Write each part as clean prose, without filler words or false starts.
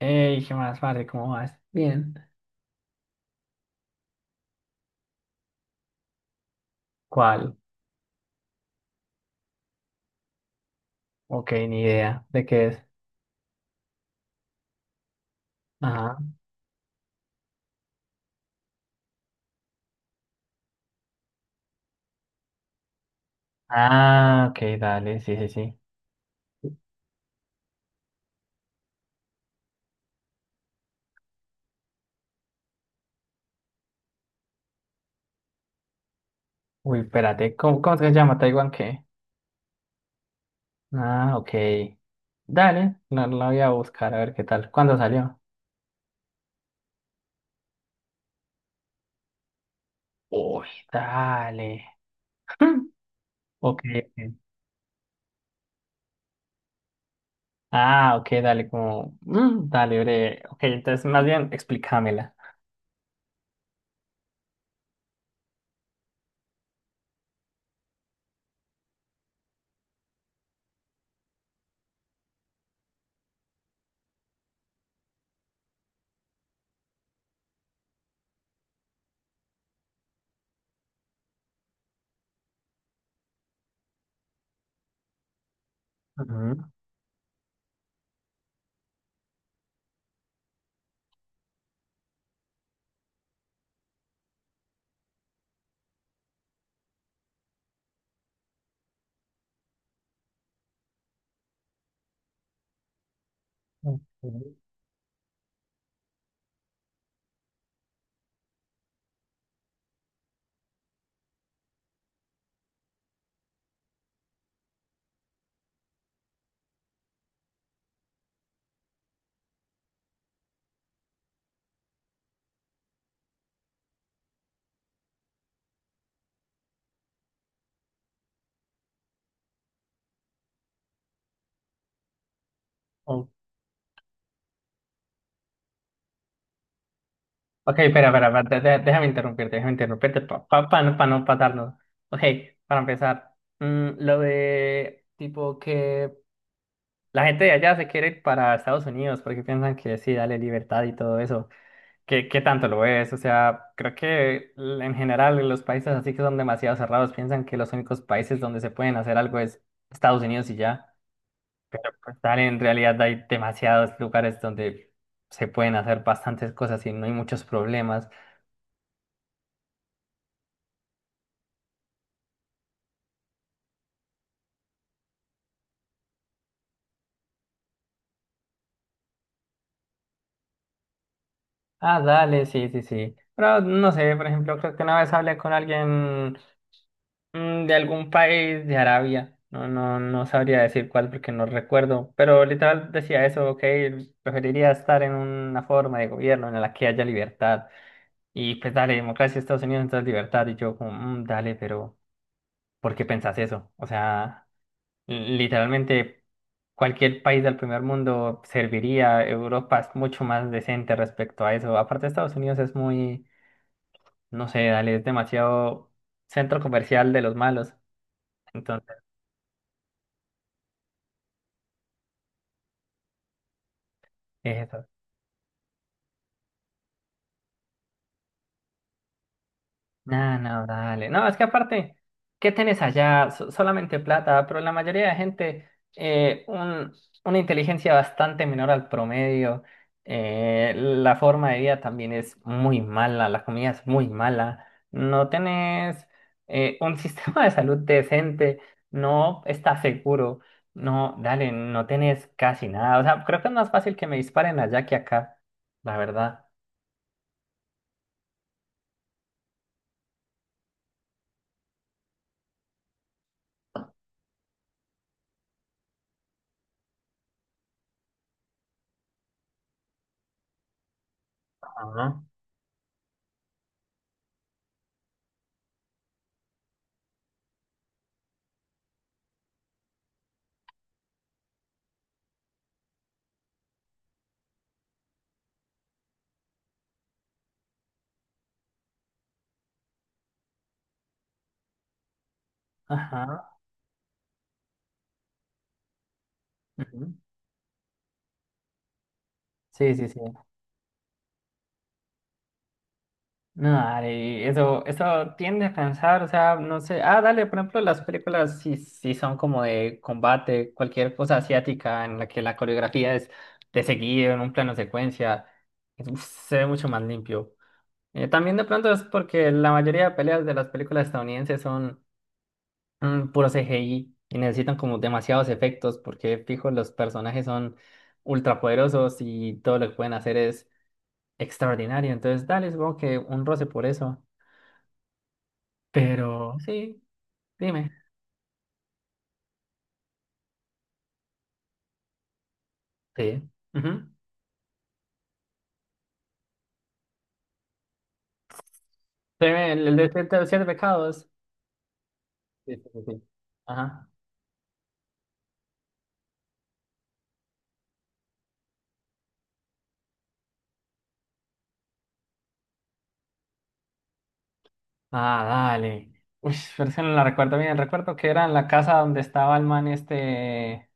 Hey, ¿qué más, parce? ¿Cómo vas? Bien. ¿Cuál? Ok, ni idea de qué es. Ajá. Ah, ok, dale, sí, sí, sí. Uy, espérate, ¿cómo se llama? ¿Taiwán qué? Ah, ok. Dale, la voy a buscar a ver qué tal. ¿Cuándo salió? Uy, dale. Ok, ok. Ah, ok, dale, como, dale, breve. Ok, entonces más bien explícamela. Ujú. Ok, ok, ok, espera, espera, espera, déjame interrumpirte para pa, pa- pa no patarnos. Ok, para empezar, lo de tipo que la gente de allá se quiere ir para Estados Unidos porque piensan que sí, dale libertad y todo eso. ¿Qué tanto lo es? O sea, creo que en general los países así que son demasiado cerrados piensan que los únicos países donde se pueden hacer algo es Estados Unidos y ya. Pero pues dale, en realidad hay demasiados lugares donde se pueden hacer bastantes cosas y no hay muchos problemas. Ah, dale, sí, sí, sí. Pero no sé, por ejemplo, creo que una vez hablé con alguien, de algún país de Arabia. No, no, no sabría decir cuál porque no recuerdo. Pero literal decía eso, ok, preferiría estar en una forma de gobierno en la que haya libertad. Y pues dale, democracia, Estados Unidos, entonces libertad. Y yo como, "Mm, dale, pero ¿por qué pensás eso? O sea, literalmente cualquier país del primer mundo serviría. Europa es mucho más decente respecto a eso. Aparte, Estados Unidos es muy, no sé, dale, es demasiado centro comercial de los malos". Entonces, es eso. No, no, dale. No, es que aparte, ¿qué tenés allá? Solamente plata, pero la mayoría de gente, eh, un- una inteligencia bastante menor al promedio. La forma de vida también es muy mala, la comida es muy mala. No tenés, un sistema de salud decente, no estás seguro. No, dale, no tenés casi nada. O sea, creo que es más fácil que me disparen allá que acá, la verdad. Ajá. Ajá. Ujú. Sí, sí, sí. No, dale, eso tiende a cansar, o sea, no sé. Ah, dale, por ejemplo, las películas sí, sí son como de combate, cualquier cosa asiática en la que la coreografía es de seguido, en un plano secuencia, uf, se ve mucho más limpio. También de pronto es porque la mayoría de peleas de las películas estadounidenses son, puro CGI y necesitan como demasiados efectos porque, fijo, los personajes son ultrapoderosos y todo lo que pueden hacer es extraordinario. Entonces, dale, supongo que un roce por eso. Pero sí, dime. Sí. Ujú. Dime, el de siete, los siete pecados. Sí, sí, sí, sí. Ajá. Ah, dale. Uy, pero es que no la recuerdo bien. Recuerdo que era en la casa donde estaba el man este.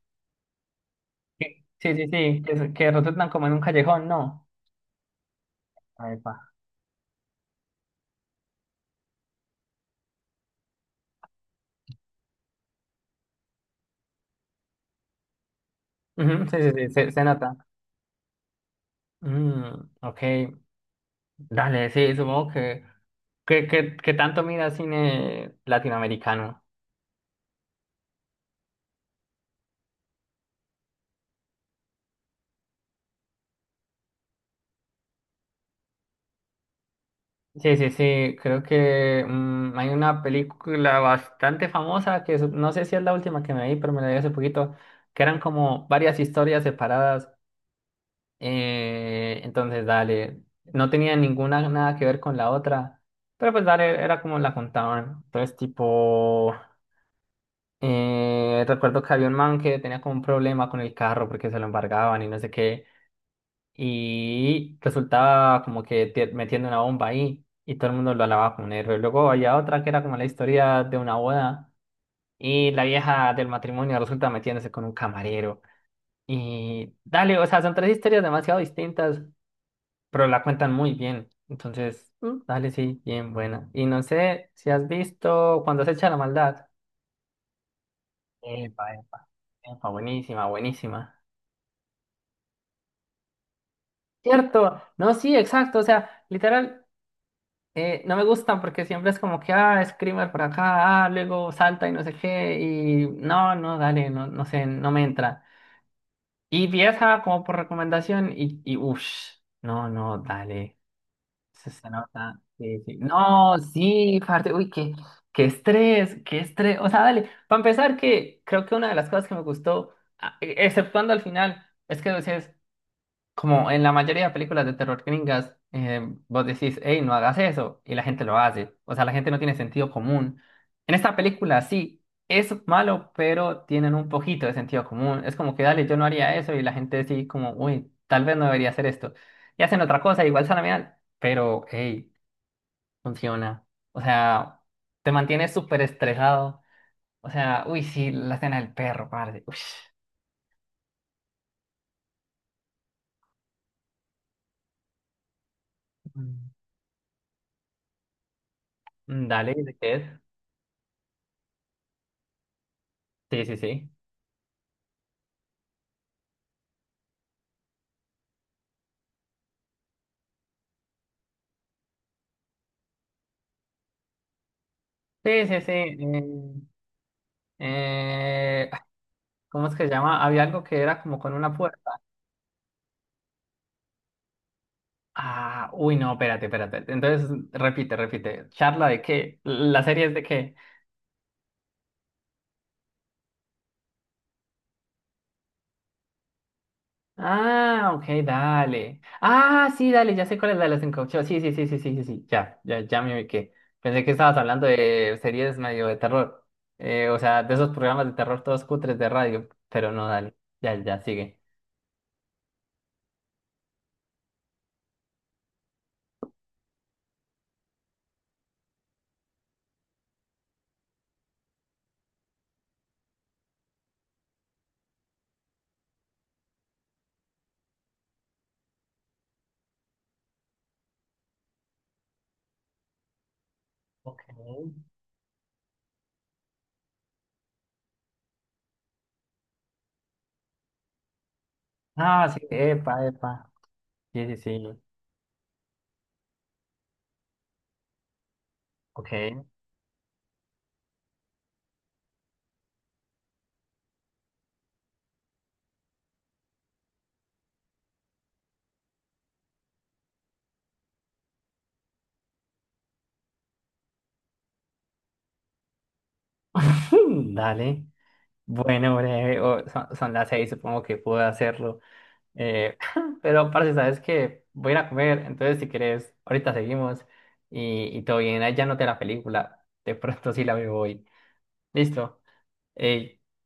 Sí, sí, sí, sí, que rotulan como en un callejón, ¿no? Ahí va. Ujú. Sí, sí, sí. Se nota. Mm, ok. Dale, sí, supongo que. ¿Qué tanto mira cine latinoamericano? Sí, sí, sí, creo que, hay una película bastante famosa no sé si es la última que me vi, pero me la vi hace poquito, que eran como varias historias separadas. Entonces, dale, no tenía ninguna nada que ver con la otra, pero pues dale, era como la contaban. Entonces, tipo, recuerdo que había un man que tenía como un problema con el carro porque se lo embargaban y no sé qué y resultaba como que, metiendo una bomba ahí y todo el mundo lo alababa como un héroe. Luego había otra que era como la historia de una boda y la vieja del matrimonio resulta metiéndose con un camarero. Y dale, o sea, son tres historias demasiado distintas, pero la cuentan muy bien. Entonces, dale, sí, bien buena. Y no sé si has visto Cuando se echa la maldad. Epa, epa, epa, buenísima, buenísima. Cierto, no, sí, exacto, o sea, literal. No me gustan porque siempre es como que, ah, screamer por acá, ah, luego salta y no sé qué, y no, no, dale, no, no sé, no me entra. Y vi esa como por recomendación y, uff, no, no, dale, se nota. Sí, sí. No, sí, parte, uy, qué, estrés, qué estrés. O sea, dale, para empezar que creo que una de las cosas que me gustó, exceptuando al final, es que decías, como en la mayoría de películas de terror gringas, vos decís, hey, no hagas eso, y la gente lo hace. O sea, la gente no tiene sentido común. En esta película sí, es malo, pero tienen un poquito de sentido común. Es como que, dale, yo no haría eso, y la gente sí, como, uy, tal vez no debería hacer esto. Y hacen otra cosa, igual sana mal, pero, hey, funciona. O sea, te mantienes súper estresado. O sea, uy, sí, la escena del perro, padre. Uy, dale, ¿de ¿qué es? Sí, sí, sí. Sí, sí, sí. Eh, ah, ¿cómo es que se llama? Había algo que era como con una puerta. Ah, uy, no, espérate, espérate. Entonces, repite, repite. ¿Charla de qué? ¿La serie es de qué? Ah, ok, dale. Ah, sí, dale, ya sé cuál es la de los encauchados. Sí, sí, sí, sí, sí, sí, sí. Ya, ya, ya me ubiqué. Pensé que estabas hablando de series medio de terror. O sea, de esos programas de terror todos cutres de radio. Pero no, dale. Ya, ya, sigue. Ok. Ah, sí, epa, epa. Sí, sí, sí. Ok. Mm, dale. Bueno, breve, son las 6, supongo que puedo hacerlo. Eh, pero, parce, sabes que voy a ir a comer, entonces si quieres, ahorita seguimos y, todo bien. Ahí ya noté la película, de pronto sí la veo hoy. Listo. Ey.